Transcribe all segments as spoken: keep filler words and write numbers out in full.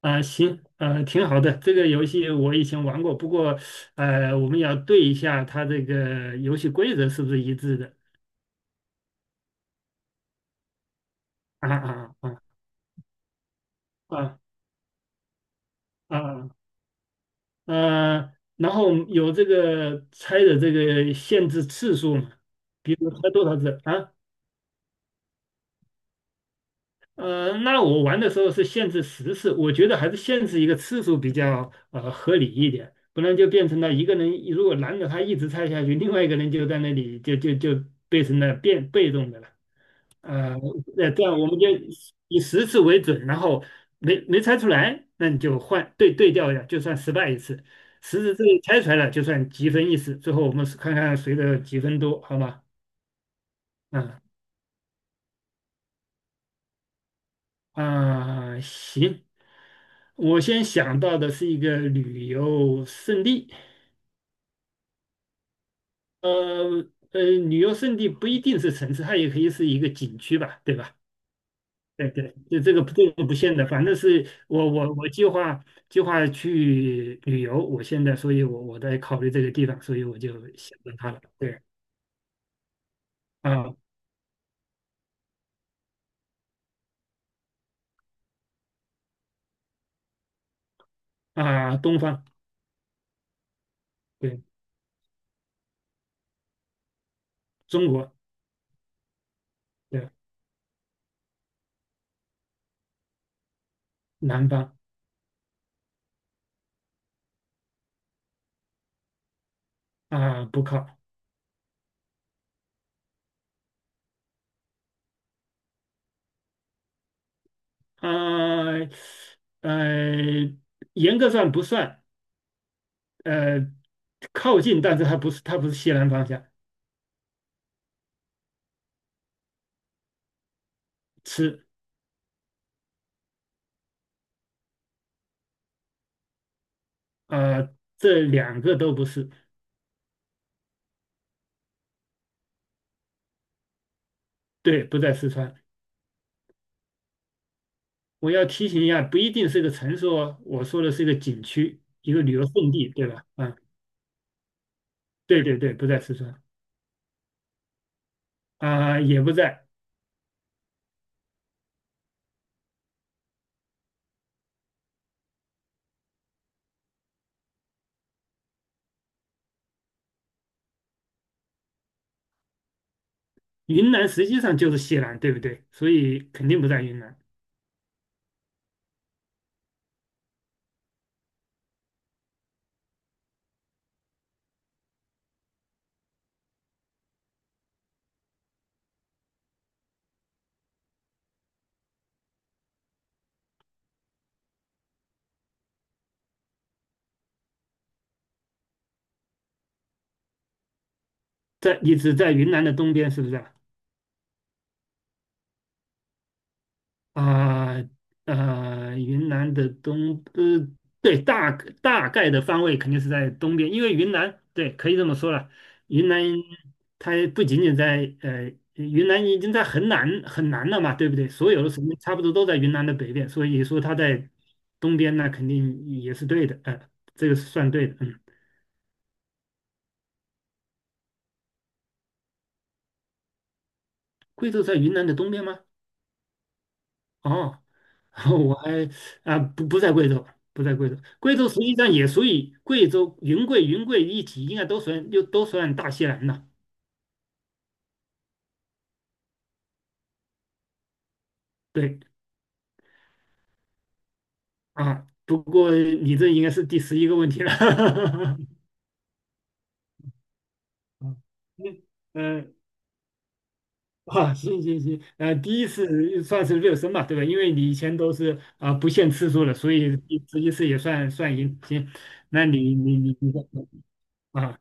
啊，行，呃，挺好的。这个游戏我以前玩过，不过，呃，我们要对一下它这个游戏规则是不是一致的。啊啊啊啊啊，啊。然后有这个猜的这个限制次数嘛，比如猜多少次啊？呃，那我玩的时候是限制十次，我觉得还是限制一个次数比较呃合理一点，不然就变成了一个人如果拦着他一直猜下去，另外一个人就在那里就就就变成了变被动的了。呃，那这样我们就以十次为准，然后没没猜出来，那你就换对对调一下，就算失败一次。十次之内猜出来了，就算积分一次。最后我们是看看谁的积分多，好吗？嗯啊，行，我先想到的是一个旅游胜地，呃呃，旅游胜地不一定是城市，它也可以是一个景区吧，对吧？对对，这这个这个不限的，反正是我我我计划计划去旅游，我现在，所以我我在考虑这个地方，所以我就选到它了。对啊啊，东方，对中国，对南方啊，不靠啊呃，严格上不算，呃，靠近，但是它不是它不是西南方向，吃啊、这两个都不是，对，不在四川。我要提醒一下，不一定是个城市哦，我说的是一个景区，一个旅游胜地，对吧？啊，对对对，不在四川啊，也不在云南，实际上就是西南，对不对？所以肯定不在云南，在你只在云南的东边，是不是啊啊呃，云南的东呃，对，大大概的方位肯定是在东边，因为云南对，可以这么说了，云南它不仅仅在呃，云南已经在很南很南了嘛，对不对？所有的省份差不多都在云南的北边，所以说它在东边那肯定也是对的，呃，这个是算对的。嗯，贵州在云南的东边吗？哦，我还啊，不，不在贵州，不在贵州，贵州实际上也属于贵州、云贵、云贵一体，应该都算又都算大西南了。对啊，不过你这应该是第十一个问题了。嗯嗯啊，行行行，呃，第一次算是热身吧，对吧？因为你以前都是啊、不限次数的，所以第十一次也算算赢。行，那你你你你啊，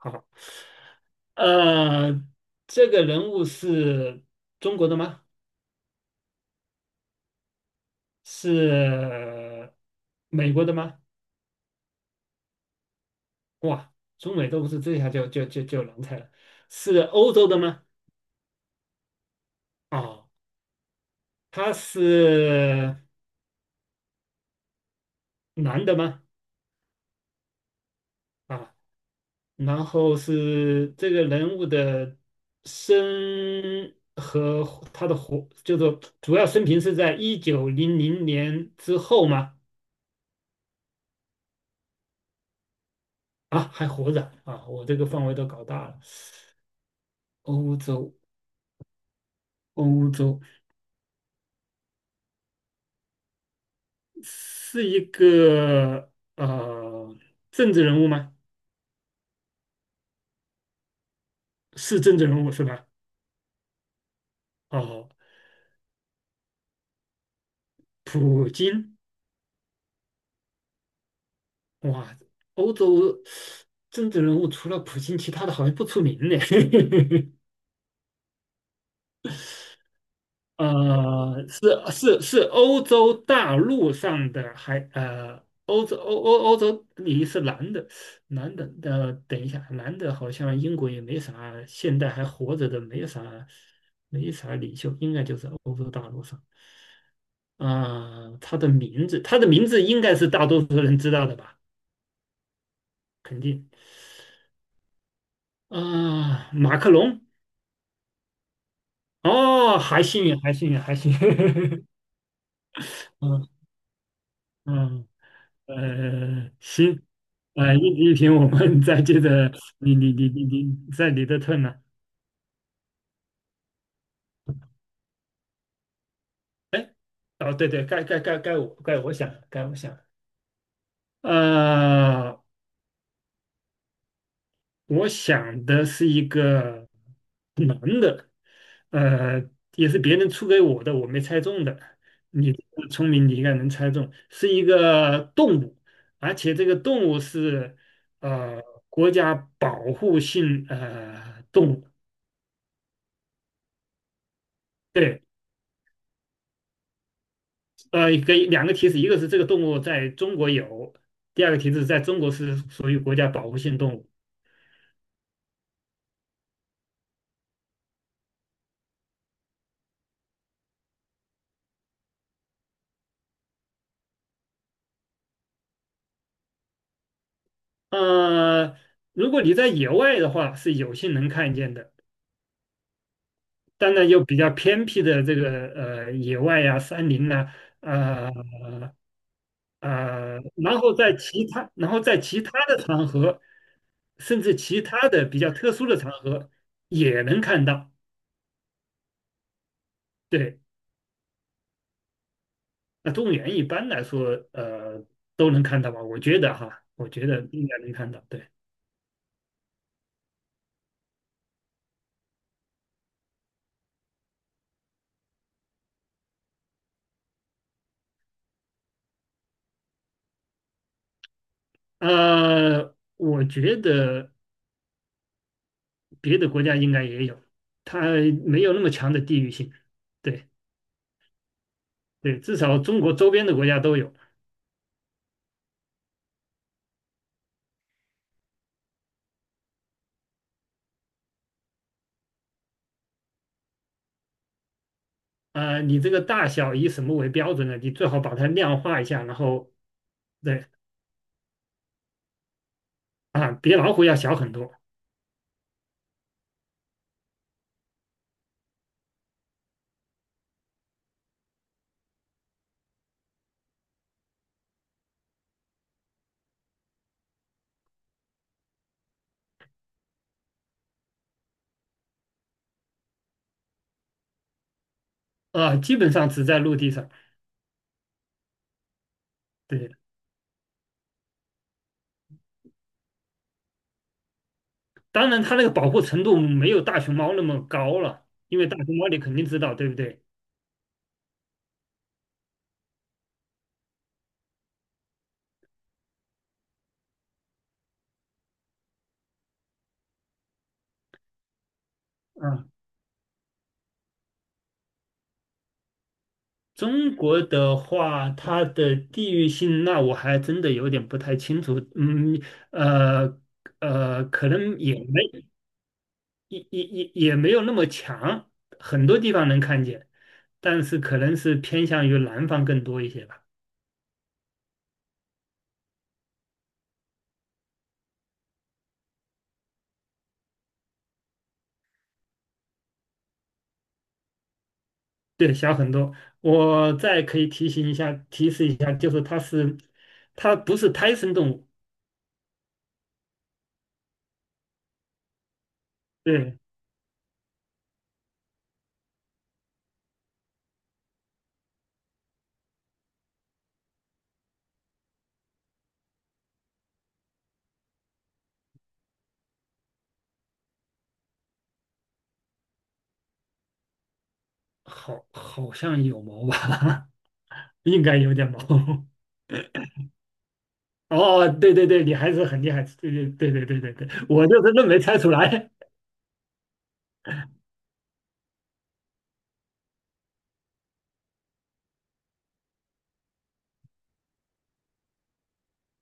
好。呃，这个人物是中国的吗？是美国的吗？哇，中美都不是，这下就就就就难猜了。是欧洲的吗？哦，他是男的吗？啊，然后是这个人物的生和他的活，就是主要生平是在一九零零年之后吗？啊，还活着啊！我这个范围都搞大了。欧洲。欧洲是一个呃政治人物吗？是政治人物是吧？哦，普京，哇，欧洲政治人物除了普京，其他的好像不出名呢。呃，是是是欧洲大陆上的还呃，欧洲欧欧欧洲你是男的，男的，呃，等一下，男的好像英国也没啥，现在还活着的没啥，没啥领袖，应该就是欧洲大陆上。啊、他的名字，他的名字应该是大多数人知道的吧？肯定啊、马克龙，哦，还幸运，还幸运，还幸运，嗯嗯呃，行，呃，一题一题，我们再接着，你你你你你在你的 turn 呢、哎，哦，对对，该该该该我该我想，该我想，呃，我想的是一个男的，呃，也是别人出给我的，我没猜中的。你这个聪明，你应该能猜中，是一个动物，而且这个动物是呃国家保护性呃动物。对，呃，给两个提示，一个是这个动物在中国有，第二个提示在中国是属于国家保护性动物。呃，如果你在野外的话，是有幸能看见的，当然有比较偏僻的这个呃野外呀、山林呐、呃呃，然后在其他，然后在其他的场合，甚至其他的比较特殊的场合也能看到。对，那动物园一般来说，呃，都能看到吧？我觉得哈，我觉得应该能看到。对。呃，我觉得别的国家应该也有，它没有那么强的地域性。对对，至少中国周边的国家都有。啊、你这个大小以什么为标准呢？你最好把它量化一下，然后对啊，比老虎要小很多啊、基本上只在陆地上。对，当然它那个保护程度没有大熊猫那么高了，因为大熊猫你肯定知道，对不对？啊。中国的话，它的地域性，那我还真的有点不太清楚。嗯，呃呃，可能也没也也也也没有那么强，很多地方能看见，但是可能是偏向于南方更多一些吧。对，小很多。我再可以提醒一下，提示一下，就是它是它不是胎生动物，对，好，好像有毛吧，应该有点毛。哦，哦对对对，你还是很厉害，对对对对对对对，我就是愣没猜出来，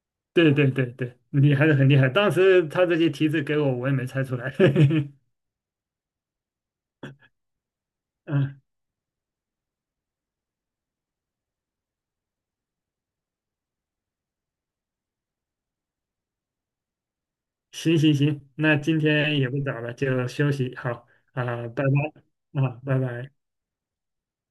对对对对，你还是很厉害。当时他这些提示给我，我也没猜出来。嗯，行行行，那今天也不早了，就休息好啊，拜拜啊，拜拜。